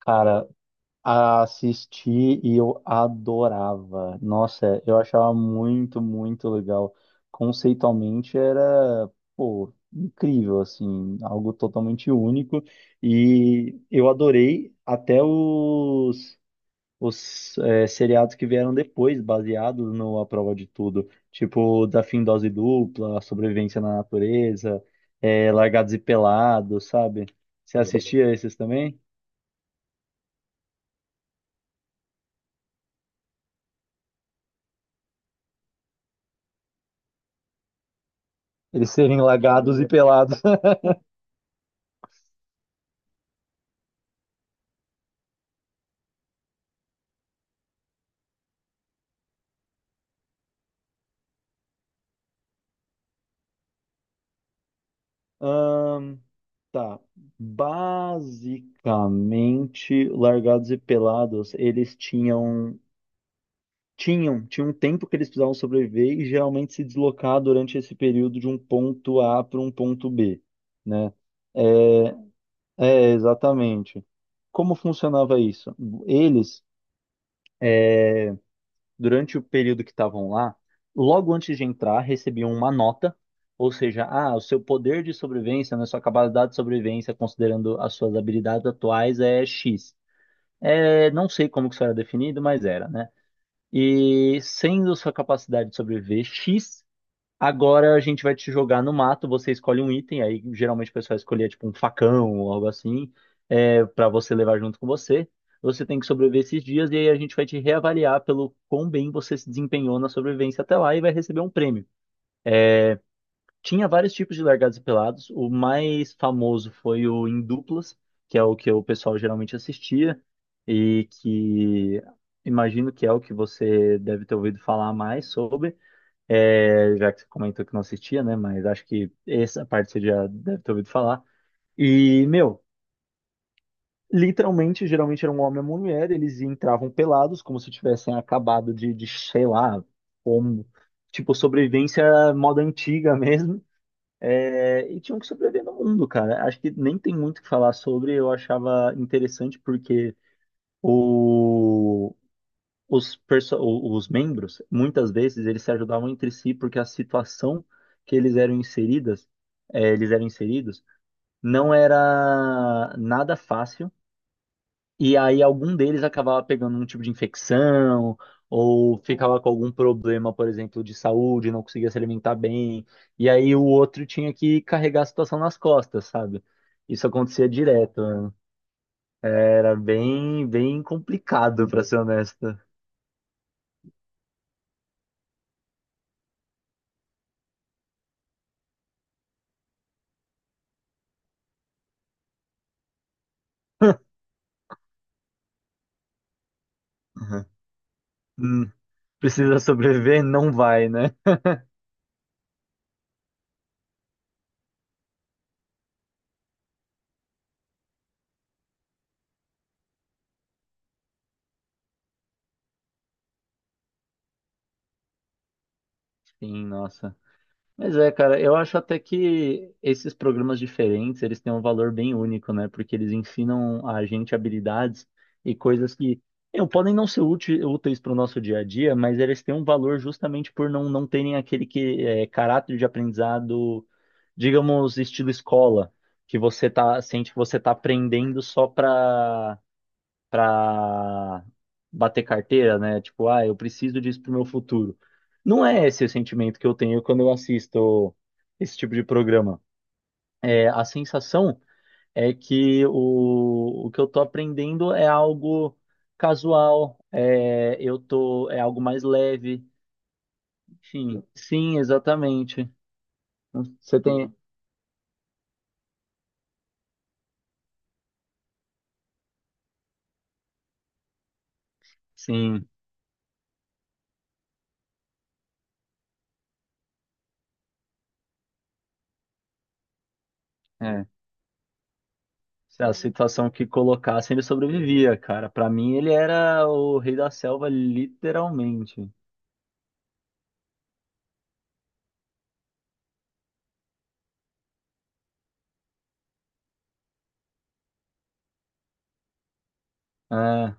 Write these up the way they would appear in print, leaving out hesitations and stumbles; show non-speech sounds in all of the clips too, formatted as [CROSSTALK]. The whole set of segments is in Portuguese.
Cara, assisti e eu adorava. Nossa, eu achava muito, muito legal. Conceitualmente era, pô, incrível, assim, algo totalmente único. E eu adorei até os seriados que vieram depois, baseados no A Prova de Tudo. Tipo, Desafio em Dose Dupla, Sobrevivência na Natureza, Largados e Pelados, sabe? Você assistia esses também? Eles serem lagados e pelados. [LAUGHS] Ahn, tá. Basicamente, largados e pelados, eles tinham. Tinha um tempo que eles precisavam sobreviver e geralmente se deslocar durante esse período de um ponto A para um ponto B, né? É, É, exatamente. Como funcionava isso? Eles durante o período que estavam lá, logo antes de entrar, recebiam uma nota, ou seja, ah, o seu poder de sobrevivência, né, sua capacidade de sobrevivência, considerando as suas habilidades atuais, é X. É, não sei como que isso era definido, mas era, né? E sendo sua capacidade de sobreviver X, agora a gente vai te jogar no mato, você escolhe um item, aí geralmente o pessoal escolhia tipo um facão ou algo assim, para você levar junto com você. Você tem que sobreviver esses dias e aí a gente vai te reavaliar pelo quão bem você se desempenhou na sobrevivência até lá e vai receber um prêmio. Tinha vários tipos de largados e pelados, o mais famoso foi o em duplas, que é o que o pessoal geralmente assistia e que imagino que é o que você deve ter ouvido falar mais sobre. É, já que você comentou que não assistia, né? Mas acho que essa parte você já deve ter ouvido falar. E, meu, literalmente, geralmente era um homem e uma mulher, eles entravam pelados, como se tivessem acabado de sei lá, como, tipo, sobrevivência moda antiga mesmo. É, e tinham que sobreviver no mundo, cara. Acho que nem tem muito o que falar sobre, eu achava interessante porque o os membros, muitas vezes, eles se ajudavam entre si porque a situação que eles eram inseridas, eles eram inseridos, não era nada fácil. E aí algum deles acabava pegando um tipo de infecção ou ficava com algum problema, por exemplo, de saúde, não conseguia se alimentar bem. E aí o outro tinha que carregar a situação nas costas, sabe? Isso acontecia direto, né? Era bem, bem complicado, pra ser honesto. Uhum. Precisa sobreviver, não vai, né? Sim, nossa. Mas é, cara, eu acho até que esses programas diferentes, eles têm um valor bem único, né? Porque eles ensinam a gente habilidades e coisas que eu, podem não ser úteis para o nosso dia a dia, mas eles têm um valor justamente por não terem aquele que, é, caráter de aprendizado, digamos, estilo escola, que você tá, sente que você tá aprendendo só para bater carteira, né? Tipo, ah, eu preciso disso pro meu futuro. Não é esse o sentimento que eu tenho quando eu assisto esse tipo de programa. É, a sensação é que o que eu tô aprendendo é algo casual, é, eu tô, é algo mais leve. Enfim, sim, exatamente. Você tem, sim, é. A situação que colocasse, ele sobrevivia, cara. Pra mim, ele era o rei da selva, literalmente. É,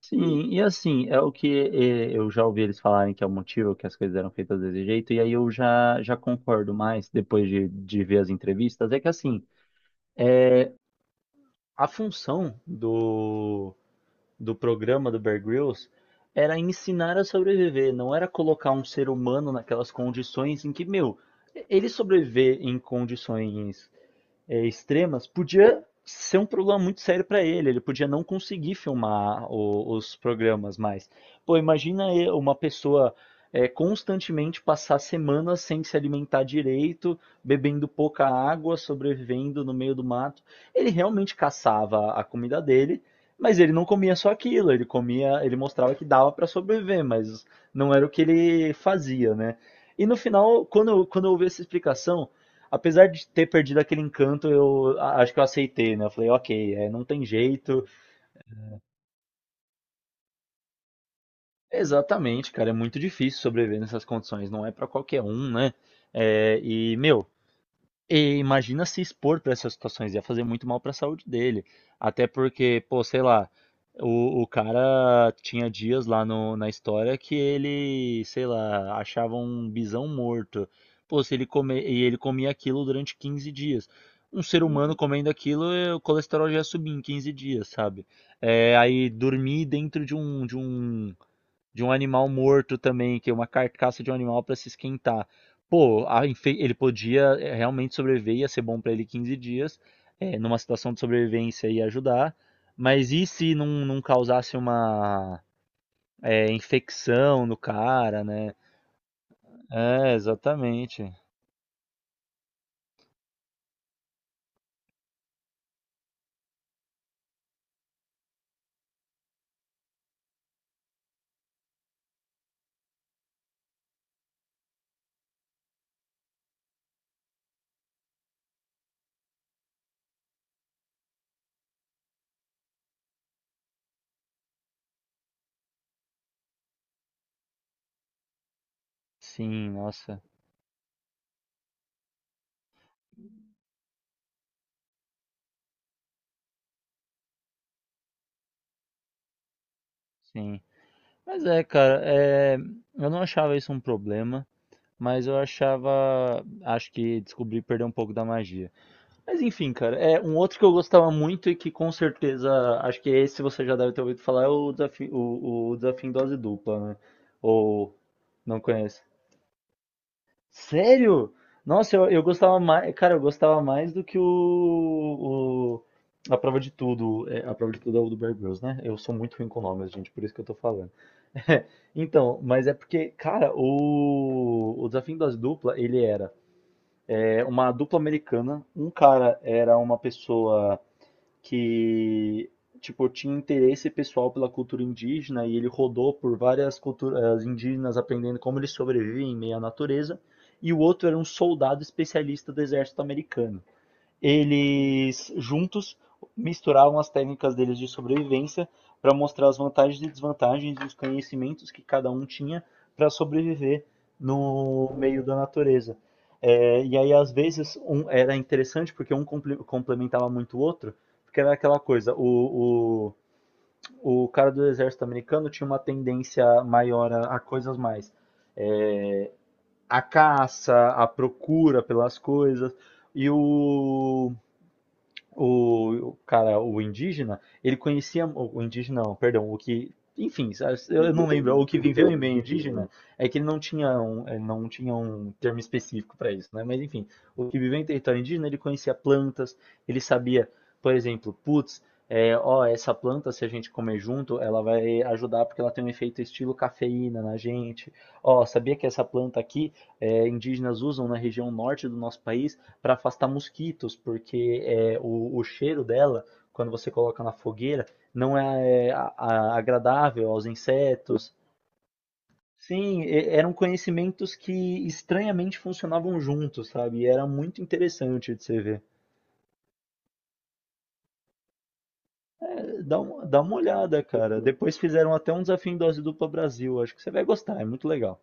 sim, e assim, é o que eu já ouvi eles falarem que é o motivo que as coisas eram feitas desse jeito, e aí eu já concordo mais depois de ver as entrevistas. É que assim, é, a função do programa do Bear Grylls era ensinar a sobreviver, não era colocar um ser humano naquelas condições em que, meu, ele sobreviver em condições extremas, podia ser um problema muito sério para ele. Ele podia não conseguir filmar os programas mais. Pô, imagina uma pessoa constantemente passar semanas sem se alimentar direito, bebendo pouca água, sobrevivendo no meio do mato. Ele realmente caçava a comida dele, mas ele não comia só aquilo. Ele comia, ele mostrava que dava para sobreviver, mas não era o que ele fazia, né? E no final, quando eu ouvi essa explicação, apesar de ter perdido aquele encanto, acho que eu aceitei, né? Eu falei, ok, é, não tem jeito. Exatamente, cara, é muito difícil sobreviver nessas condições, não é pra qualquer um, né? É, e, meu, e imagina se expor para essas situações, ia fazer muito mal para a saúde dele. Até porque, pô, sei lá, o cara tinha dias lá na história que ele, sei lá, achava um bisão morto. Pô, se ele comer, e ele comia aquilo durante 15 dias. Um ser humano comendo aquilo, o colesterol já ia subir em 15 dias, sabe? É, aí dormir dentro de um de um animal morto também, que é uma carcaça de um animal para se esquentar. Pô, ele podia realmente sobreviver, ia ser bom para ele 15 dias, numa situação de sobrevivência ia ajudar, mas e se não causasse uma infecção no cara, né? É, exatamente. Sim, nossa, sim. Mas é, cara, é, eu não achava isso um problema, mas eu achava, acho que descobri perder um pouco da magia. Mas enfim, cara, é um outro que eu gostava muito e que com certeza, acho que esse você já deve ter ouvido falar, é o desafio, o desafio em dose dupla, né? Ou não conhece? Sério? Nossa, eu gostava mais, cara, eu gostava mais do que a prova de tudo, é, a prova de tudo é o do Bear Grylls, né? Eu sou muito ruim com nomes, gente, por isso que eu tô falando. [LAUGHS] Então, mas é porque, cara, o desafio em dose dupla, ele era uma dupla americana, um cara era uma pessoa que tipo tinha interesse pessoal pela cultura indígena e ele rodou por várias culturas indígenas aprendendo como eles sobrevivem em meio à natureza. E o outro era um soldado especialista do exército americano. Eles juntos misturavam as técnicas deles de sobrevivência para mostrar as vantagens e desvantagens e os conhecimentos que cada um tinha para sobreviver no meio da natureza. É, e aí, às vezes, um, era interessante porque um complementava muito o outro, porque era aquela coisa, o cara do exército americano tinha uma tendência maior a coisas mais. é, a caça, a procura pelas coisas, e o cara, o indígena, ele conhecia. O indígena, não, perdão, o que. Enfim, eu não lembro. O que viveu em meio indígena é que ele não tinha não tinha um termo específico para isso, né? Mas enfim, o que viveu em território indígena, ele conhecia plantas, ele sabia, por exemplo, putz, é, ó, essa planta, se a gente comer junto, ela vai ajudar porque ela tem um efeito estilo cafeína na gente. Ó, sabia que essa planta aqui, é, indígenas usam na região norte do nosso país para afastar mosquitos, porque é, o cheiro dela, quando você coloca na fogueira, não é agradável aos insetos. Sim, e- eram conhecimentos que estranhamente funcionavam juntos, sabe? E era muito interessante de você ver. Dá uma olhada, cara. Depois fizeram até um desafio em dose dupla Brasil. Acho que você vai gostar, é muito legal.